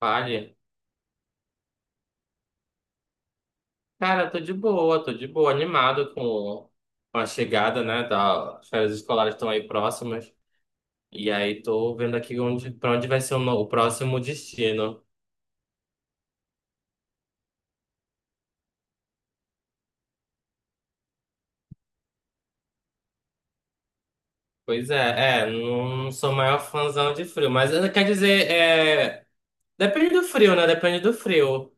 Vale. Cara, tô de boa, animado com a chegada, né? As férias escolares estão aí próximas. E aí tô vendo aqui onde, pra onde vai ser o, no- o próximo destino. Pois é, é, não sou maior fãzão de frio, mas quer dizer, é, depende do frio, né? Depende do frio.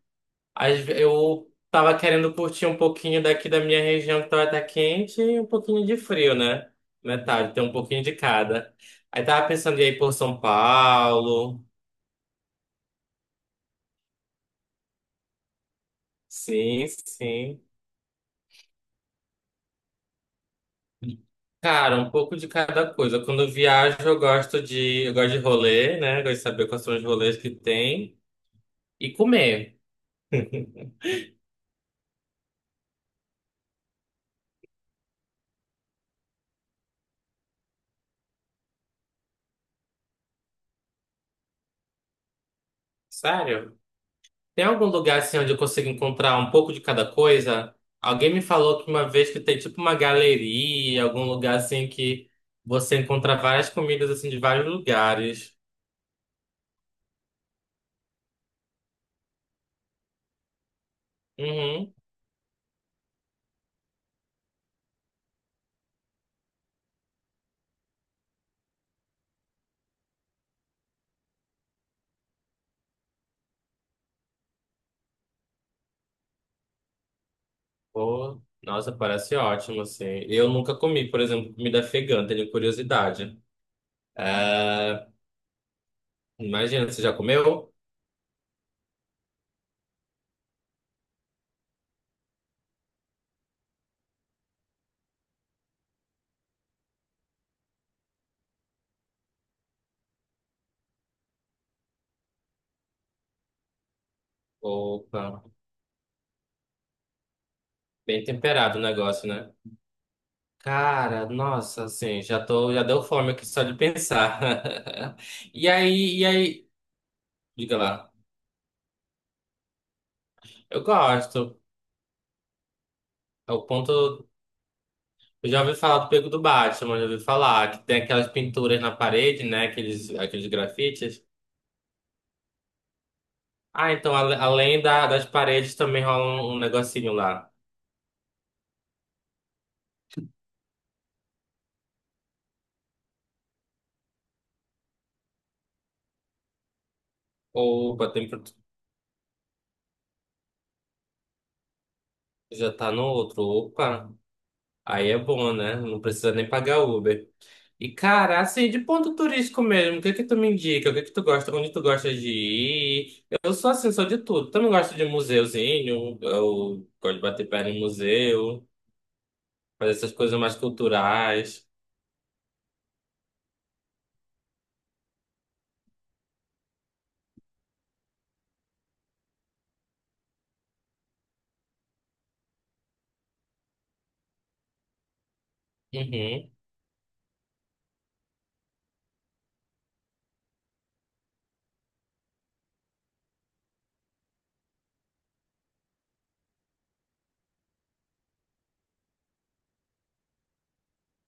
Eu tava querendo curtir um pouquinho daqui da minha região que tá quente e um pouquinho de frio, né? Metade, tem um pouquinho de cada. Aí tava pensando em ir por São Paulo. Sim, sim. Cara, um pouco de cada coisa. Quando eu viajo, eu gosto de rolê, né? Gosto de saber quais são os rolês que tem e comer. Sério? Tem algum lugar assim onde eu consigo encontrar um pouco de cada coisa? Alguém me falou que uma vez que tem tipo uma galeria, algum lugar assim que você encontra várias comidas assim de vários lugares. Uhum. Pô, nossa, parece ótimo, assim. Eu nunca comi, por exemplo, comida afegã, tenho curiosidade. É, imagina, você já comeu? Opa, bem temperado o negócio, né? Cara, nossa, assim, já tô, já deu fome aqui só de pensar. E aí, e aí, diga lá. Eu gosto. É o ponto, eu já ouvi falar do Pego do Batman, já ouvi falar que tem aquelas pinturas na parede, né? Aqueles grafites. Ah, então das paredes também rola um negocinho lá. Opa, tem, pro- já tá no outro. Opa. Aí é bom, né? Não precisa nem pagar Uber. E, cara, assim, de ponto turístico mesmo, o que é que tu me indica? O que é que tu gosta? Onde tu gosta de ir? Eu sou assim, sou de tudo. Também gosto de museuzinho, eu gosto de bater perna em museu, fazer essas coisas mais culturais. Uhum,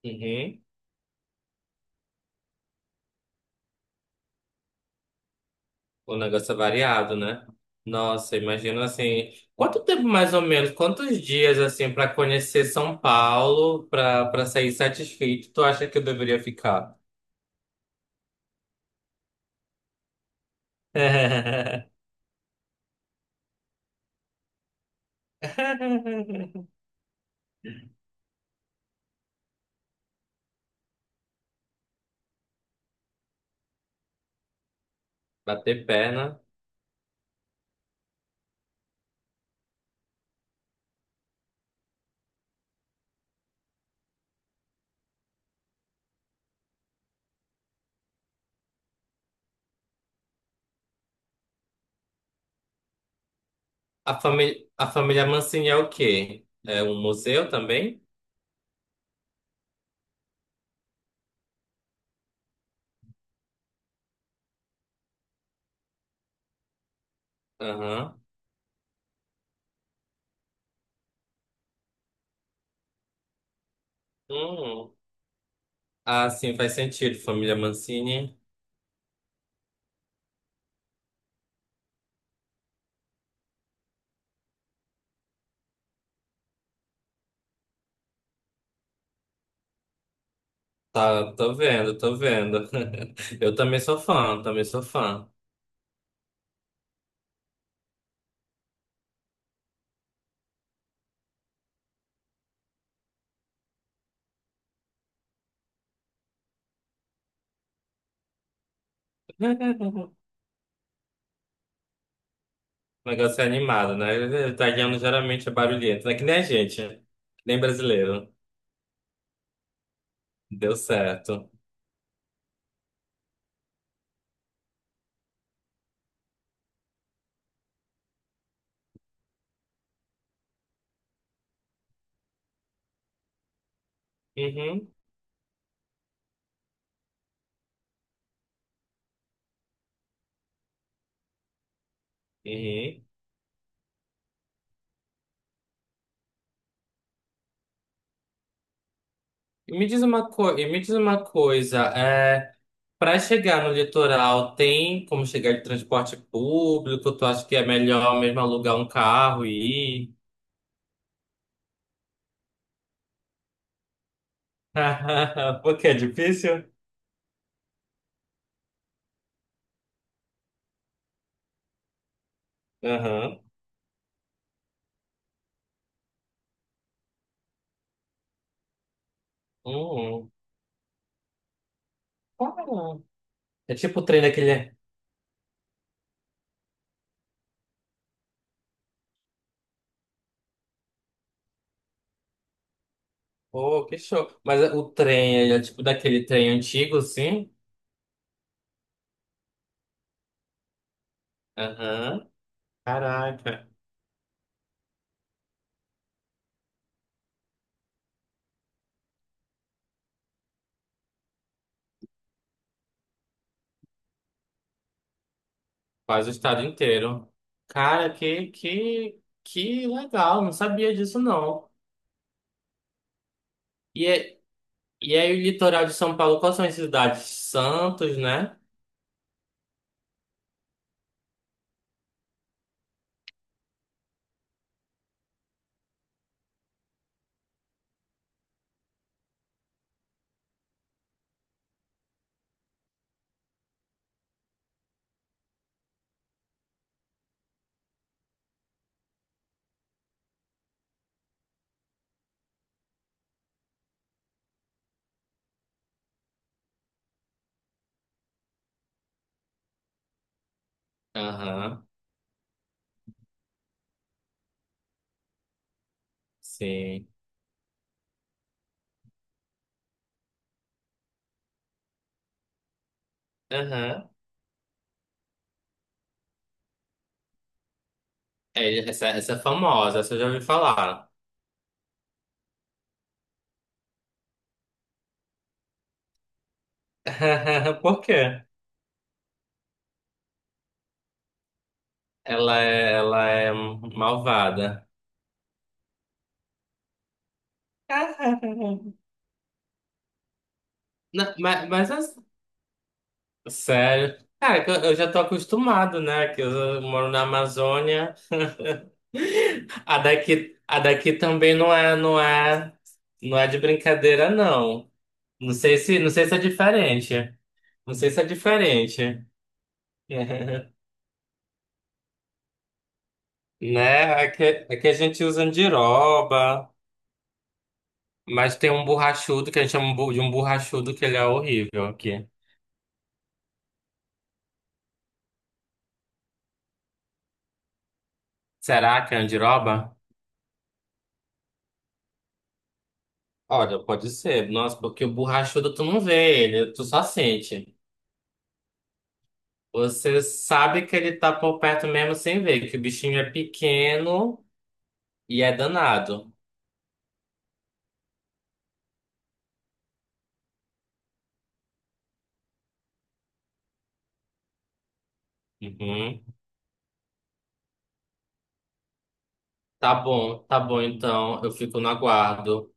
uhum. O negócio é variado, né? Nossa, imagino assim, quanto tempo mais ou menos, quantos dias assim pra conhecer São Paulo, pra para sair satisfeito, tu acha que eu deveria ficar? Bater perna. A família Mancini é o quê? É um museu também? Aham. Hum. Ah, sim, faz sentido. Família Mancini. Tá, tô vendo, tô vendo. Eu também sou fã, também sou fã. O negócio é animado, né? Italiano geralmente é barulhento, né? Que nem a gente, que nem brasileiro. Deu certo. Uhum, uhum. E me diz uma coisa, para chegar no litoral, tem como chegar de transporte público? Tu acha que é melhor mesmo alugar um carro e ir? Porque é difícil? Aham. Hum, para. É tipo o trem daquele. Oh, que show. Mas o trem ele é tipo daquele trem antigo, assim? Aham. Caraca. Quase o estado inteiro. Cara, que legal. Não sabia disso, não. E, é- E aí, o litoral de São Paulo, quais são as cidades? Santos, né? Aham, sim. Aham. É, essa é famosa, essa eu já ouvi falar. Por quê? Ela é malvada. Não, mas, as- sério. Cara, que eu já tô acostumado, né? Que eu moro na Amazônia. A daqui também não é, não é, não é de brincadeira, não. Não sei se é diferente. Não sei se é diferente. Né? Aqui, aqui a gente usa andiroba, mas tem um borrachudo que a gente chama de um borrachudo que ele é horrível aqui. Será que é andiroba? Olha, pode ser. Nossa, porque o borrachudo tu não vê ele, tu só sente. Você sabe que ele tá por perto mesmo sem ver, que o bichinho é pequeno e é danado. Uhum. Tá bom então. Eu fico no aguardo.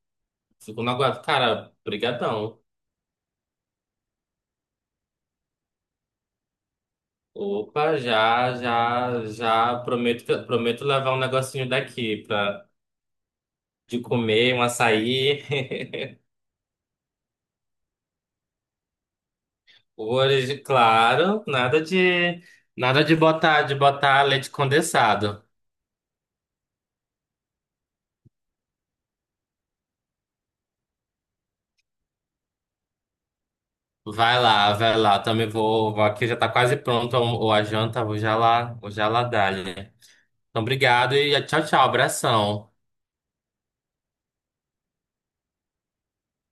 Fico no aguardo. Cara, brigadão. Opa, já prometo, prometo levar um negocinho daqui pra, de comer, um açaí. Hoje, claro, nada de botar, de botar leite condensado. Vai lá, também vou, vou aqui já tá quase pronto ou a janta, vou já lá dar, né? Então, obrigado e tchau, tchau, abração.